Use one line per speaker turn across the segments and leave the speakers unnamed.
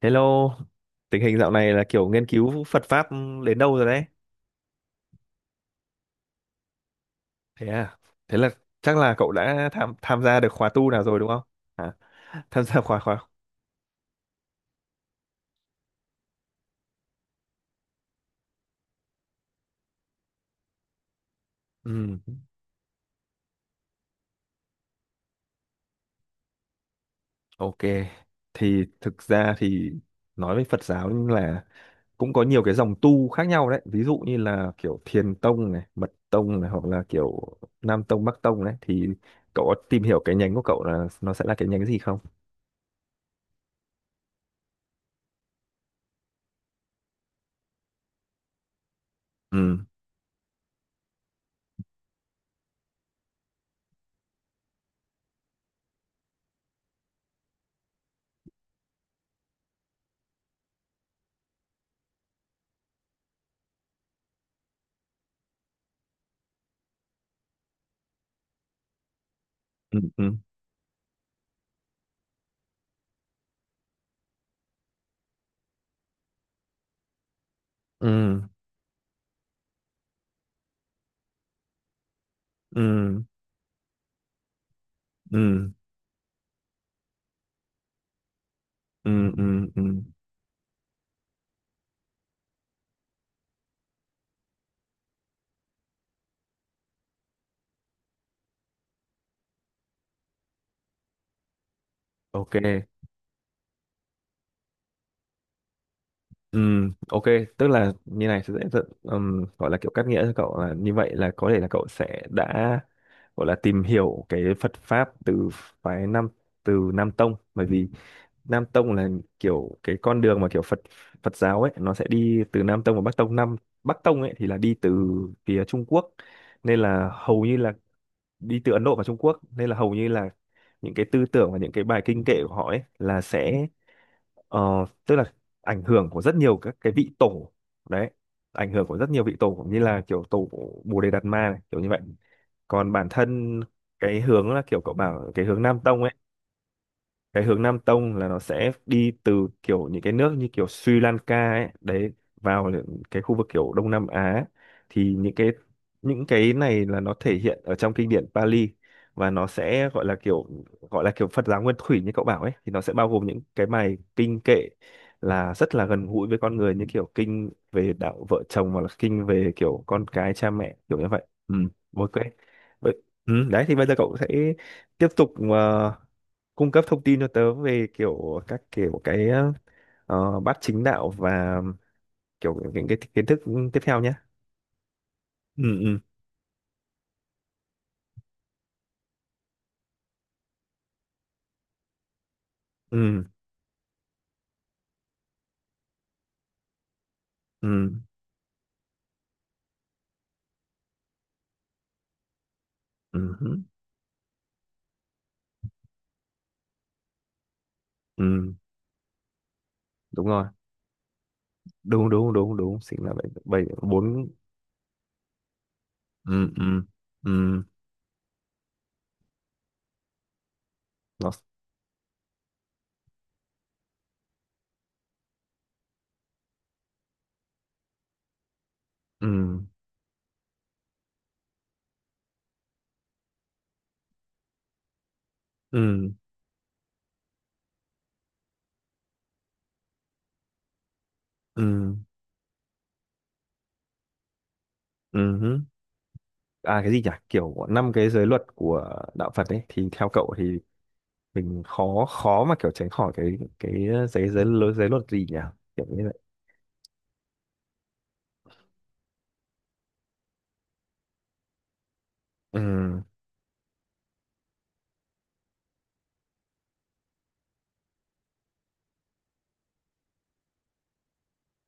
Hello, tình hình dạo này là kiểu nghiên cứu Phật pháp đến đâu rồi đấy? Thế à? Thế là chắc là cậu đã tham tham gia được khóa tu nào rồi đúng không? Hả? Tham gia khóa khóa. Ừ, ok. Thì thực ra thì nói về Phật giáo là cũng có nhiều cái dòng tu khác nhau đấy. Ví dụ như là kiểu Thiền tông này, Mật tông này hoặc là kiểu Nam tông, Bắc tông đấy. Thì cậu có tìm hiểu cái nhánh của cậu là nó sẽ là cái nhánh gì không? Ừ, ừ, ừ, ừ, ừ, ừ, ừ, ừ, ừ, ok, ừ, ok. Tức là như này gọi là kiểu cắt nghĩa cho cậu là như vậy, là có thể là cậu sẽ đã gọi là tìm hiểu cái Phật pháp từ phái Nam, từ Nam Tông, bởi vì Nam Tông là kiểu cái con đường mà kiểu Phật Phật giáo ấy nó sẽ đi từ Nam Tông và Bắc Tông. Nam Bắc Tông ấy thì là đi từ phía Trung Quốc, nên là hầu như là đi từ Ấn Độ và Trung Quốc, nên là hầu như là những cái tư tưởng và những cái bài kinh kệ của họ ấy là sẽ, tức là ảnh hưởng của rất nhiều các cái vị tổ đấy, ảnh hưởng của rất nhiều vị tổ cũng như là kiểu tổ Bồ Đề Đạt Ma này, kiểu như vậy. Còn bản thân cái hướng là kiểu cậu bảo cái hướng Nam Tông ấy, cái hướng Nam Tông là nó sẽ đi từ kiểu những cái nước như kiểu Sri Lanka ấy đấy, vào những cái khu vực kiểu Đông Nam Á, thì những cái này là nó thể hiện ở trong kinh điển Pali, và nó sẽ gọi là kiểu, Phật giáo nguyên thủy như cậu bảo ấy, thì nó sẽ bao gồm những cái bài kinh kệ là rất là gần gũi với con người, như kiểu kinh về đạo vợ chồng hoặc là kinh về kiểu con cái cha mẹ kiểu như vậy. Ừ, ok. Đấy thì bây giờ cậu sẽ tiếp tục cung cấp thông tin cho tớ về kiểu các kiểu cái, bát chính đạo và kiểu những cái kiến thức tiếp theo nhé. Ừ, ừ, ừ, ừ, ừ, ừ, ừ, đúng rồi. Đúng đúng đúng đúng, chính là bảy bảy bốn. Ừ, ừ, ừ, nó, ừ, ừ, ừ, ừ hứ. À cái gì nhỉ? Kiểu năm cái giới luật của đạo Phật ấy thì theo cậu thì mình khó khó mà kiểu tránh khỏi cái giới giới giới luật gì nhỉ? Kiểu như vậy. Ừ,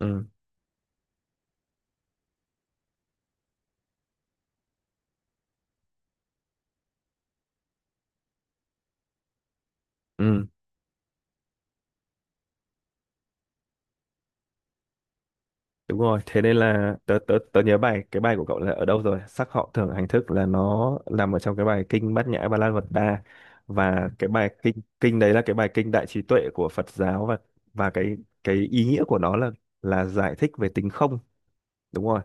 ừ, ừ. Đúng rồi, thế nên là tớ nhớ bài cái bài của cậu là ở đâu rồi? Sắc họ thường hành thức là nó nằm ở trong cái bài kinh Bát Nhã Ba La Mật Đa, và cái bài kinh kinh đấy là cái bài kinh đại trí tuệ của Phật giáo, và cái ý nghĩa của nó là giải thích về tính không. Đúng rồi,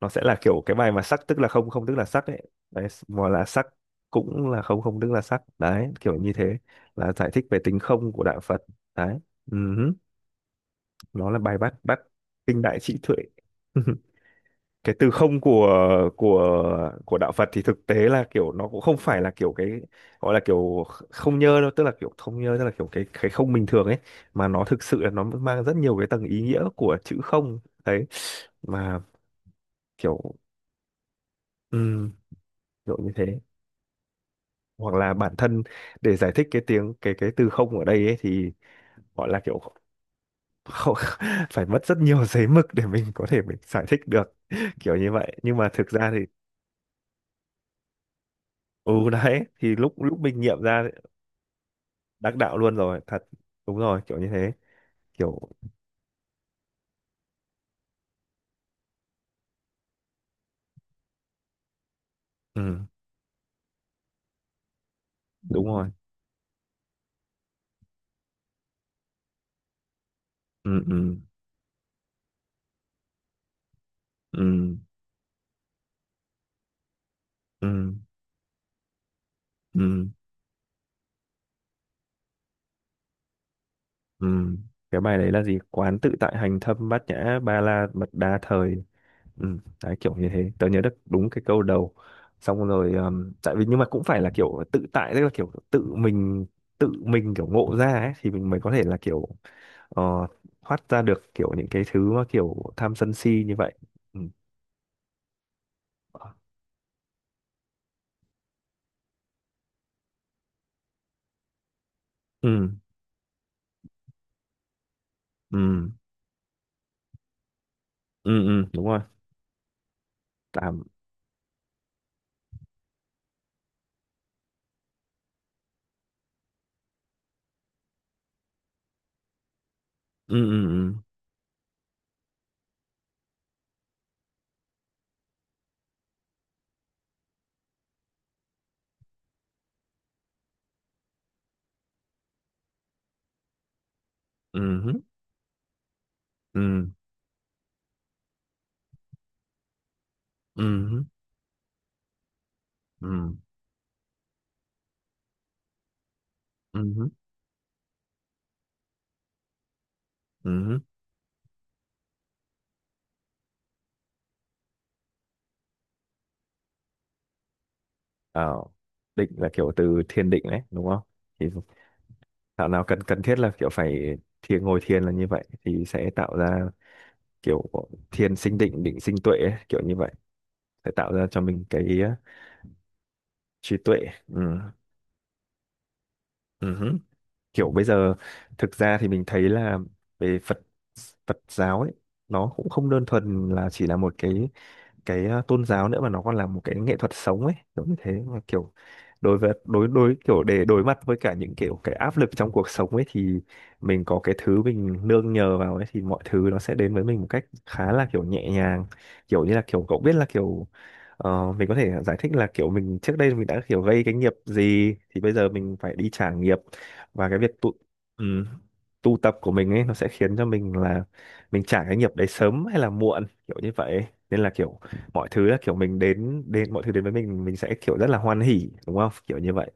nó sẽ là kiểu cái bài mà sắc tức là không, không tức là sắc ấy. Đấy, mà là sắc cũng là không, không tức là sắc. Đấy, kiểu như thế là giải thích về tính không của đạo Phật. Đấy. ừm, Nó là bài bát bát kinh đại trí tuệ. Cái từ không của của đạo Phật thì thực tế là kiểu nó cũng không phải là kiểu cái, gọi là kiểu không nhơ đâu, tức là kiểu không nhơ tức là kiểu cái không bình thường ấy, mà nó thực sự là nó mang rất nhiều cái tầng ý nghĩa của chữ không đấy, mà kiểu um, kiểu như thế. Hoặc là bản thân để giải thích cái tiếng cái từ không ở đây ấy thì gọi là kiểu không, phải mất rất nhiều giấy mực để mình có thể mình giải thích được kiểu như vậy, nhưng mà thực ra thì ừ, đấy thì lúc lúc mình nghiệm ra đắc đạo luôn rồi thật, đúng rồi kiểu như thế, kiểu ừ, đúng rồi, ừ, ừ, ừ, ừ, ừ, ừ. Cái bài đấy là gì? Quán tự tại hành thâm bát nhã ba la mật đa thời, ừ, đấy kiểu như thế, tớ nhớ được đúng cái câu đầu, xong rồi. Tại vì nhưng mà cũng phải là kiểu tự tại, tức là kiểu tự mình kiểu ngộ ra ấy, thì mình mới có thể là kiểu, ờ, thoát ra được kiểu những cái thứ mà kiểu tham sân si như vậy. Ừ, ừ, ừ, ừ, ừ, đúng rồi. Tạm. Ừ, ừ, ừ, ừ, ừ, ừ, ừ, ừ, ừ, ừ. Ờ, định là kiểu từ thiền định đấy, đúng không? Thì thảo nào cần cần thiết là kiểu phải thiền, ngồi thiền là như vậy thì sẽ tạo ra kiểu thiền sinh định, định sinh tuệ ấy, kiểu như vậy sẽ tạo ra cho mình cái, trí tuệ. Ừ, ừ, hứ. Kiểu bây giờ thực ra thì mình thấy là về Phật Phật giáo ấy nó cũng không đơn thuần là chỉ là một cái, tôn giáo nữa, mà nó còn là một cái nghệ thuật sống ấy kiểu như thế, mà kiểu đối với đối đối kiểu để đối mặt với cả những kiểu cái áp lực trong cuộc sống ấy, thì mình có cái thứ mình nương nhờ vào ấy thì mọi thứ nó sẽ đến với mình một cách khá là kiểu nhẹ nhàng, kiểu như là kiểu cậu biết là kiểu, mình có thể giải thích là kiểu mình trước đây mình đã kiểu gây cái nghiệp gì thì bây giờ mình phải đi trả nghiệp, và cái việc ừ, tu tập của mình ấy nó sẽ khiến cho mình là mình trả cái nghiệp đấy sớm hay là muộn kiểu như vậy, nên là kiểu mọi thứ là kiểu mình đến đến mọi thứ đến với mình sẽ kiểu rất là hoan hỉ đúng không kiểu như vậy.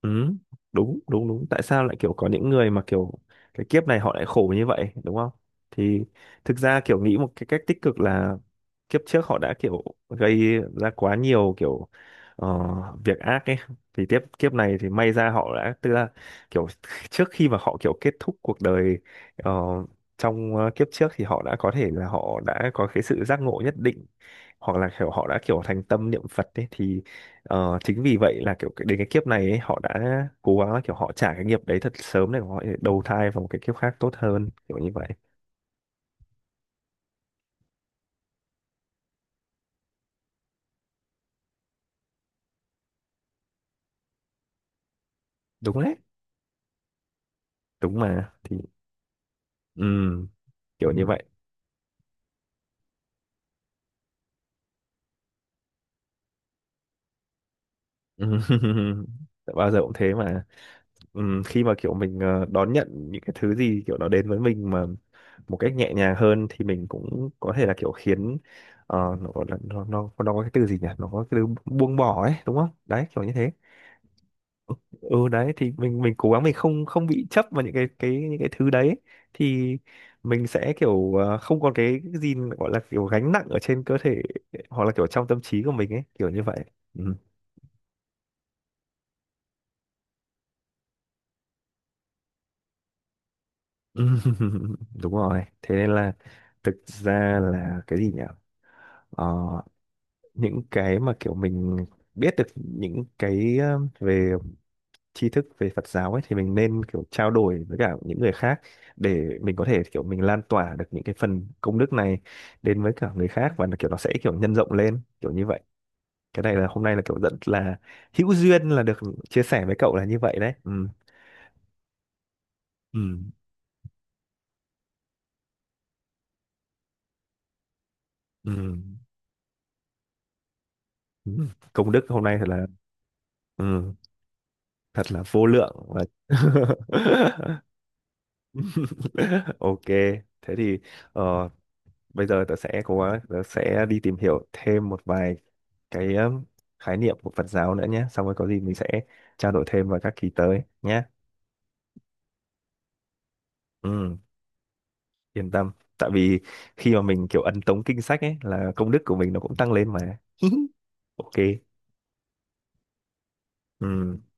Ừ, đúng đúng đúng, tại sao lại kiểu có những người mà kiểu cái kiếp này họ lại khổ như vậy đúng không? Thì thực ra kiểu nghĩ một cái cách tích cực là kiếp trước họ đã kiểu gây ra quá nhiều kiểu, ờ, việc ác ấy, thì tiếp kiếp này thì may ra họ đã tức là kiểu, trước khi mà họ kiểu kết thúc cuộc đời, ờ, trong kiếp trước thì họ đã có thể là họ đã có cái sự giác ngộ nhất định, hoặc là kiểu họ đã kiểu thành tâm niệm Phật ấy, thì chính vì vậy là kiểu đến cái kiếp này ấy, họ đã cố gắng là kiểu họ trả cái nghiệp đấy thật sớm để họ đầu thai vào một cái kiếp khác tốt hơn kiểu như vậy. Đúng đấy. Đúng mà thì ừm, kiểu như vậy. Bao giờ cũng thế mà. Khi mà kiểu mình, đón nhận những cái thứ gì kiểu nó đến với mình mà một cách nhẹ nhàng hơn thì mình cũng có thể là kiểu khiến, nó, nó có cái từ gì nhỉ? Nó có cái từ buông bỏ ấy đúng không? Đấy kiểu như thế. Ừ, đấy thì mình cố gắng mình không không bị chấp vào những cái thứ đấy, thì mình sẽ kiểu, không còn cái gì mà gọi là kiểu gánh nặng ở trên cơ thể hoặc là kiểu trong tâm trí của mình ấy kiểu như vậy. Ừ. Đúng rồi, thế nên là thực ra là cái gì nhỉ? Ờ, những cái mà kiểu mình biết được những cái, về tri thức về Phật giáo ấy, thì mình nên kiểu trao đổi với cả những người khác để mình có thể kiểu mình lan tỏa được những cái phần công đức này đến với cả người khác, và nó kiểu nó sẽ kiểu nhân rộng lên kiểu như vậy. Cái này là hôm nay là kiểu rất là hữu duyên là được chia sẻ với cậu là như vậy đấy. Ừ. Ừ. Ừ. Ừ. Công đức hôm nay thật là, ừ, thật là vô lượng và ok thế thì, ờ, bây giờ tớ sẽ cố gắng tớ sẽ đi tìm hiểu thêm một vài cái, khái niệm của Phật giáo nữa nhé, xong rồi có gì mình sẽ trao đổi thêm vào các kỳ tới nhé. Ừ, yên tâm, tại vì khi mà mình kiểu ấn tống kinh sách ấy là công đức của mình nó cũng tăng lên mà. ok. Ừ.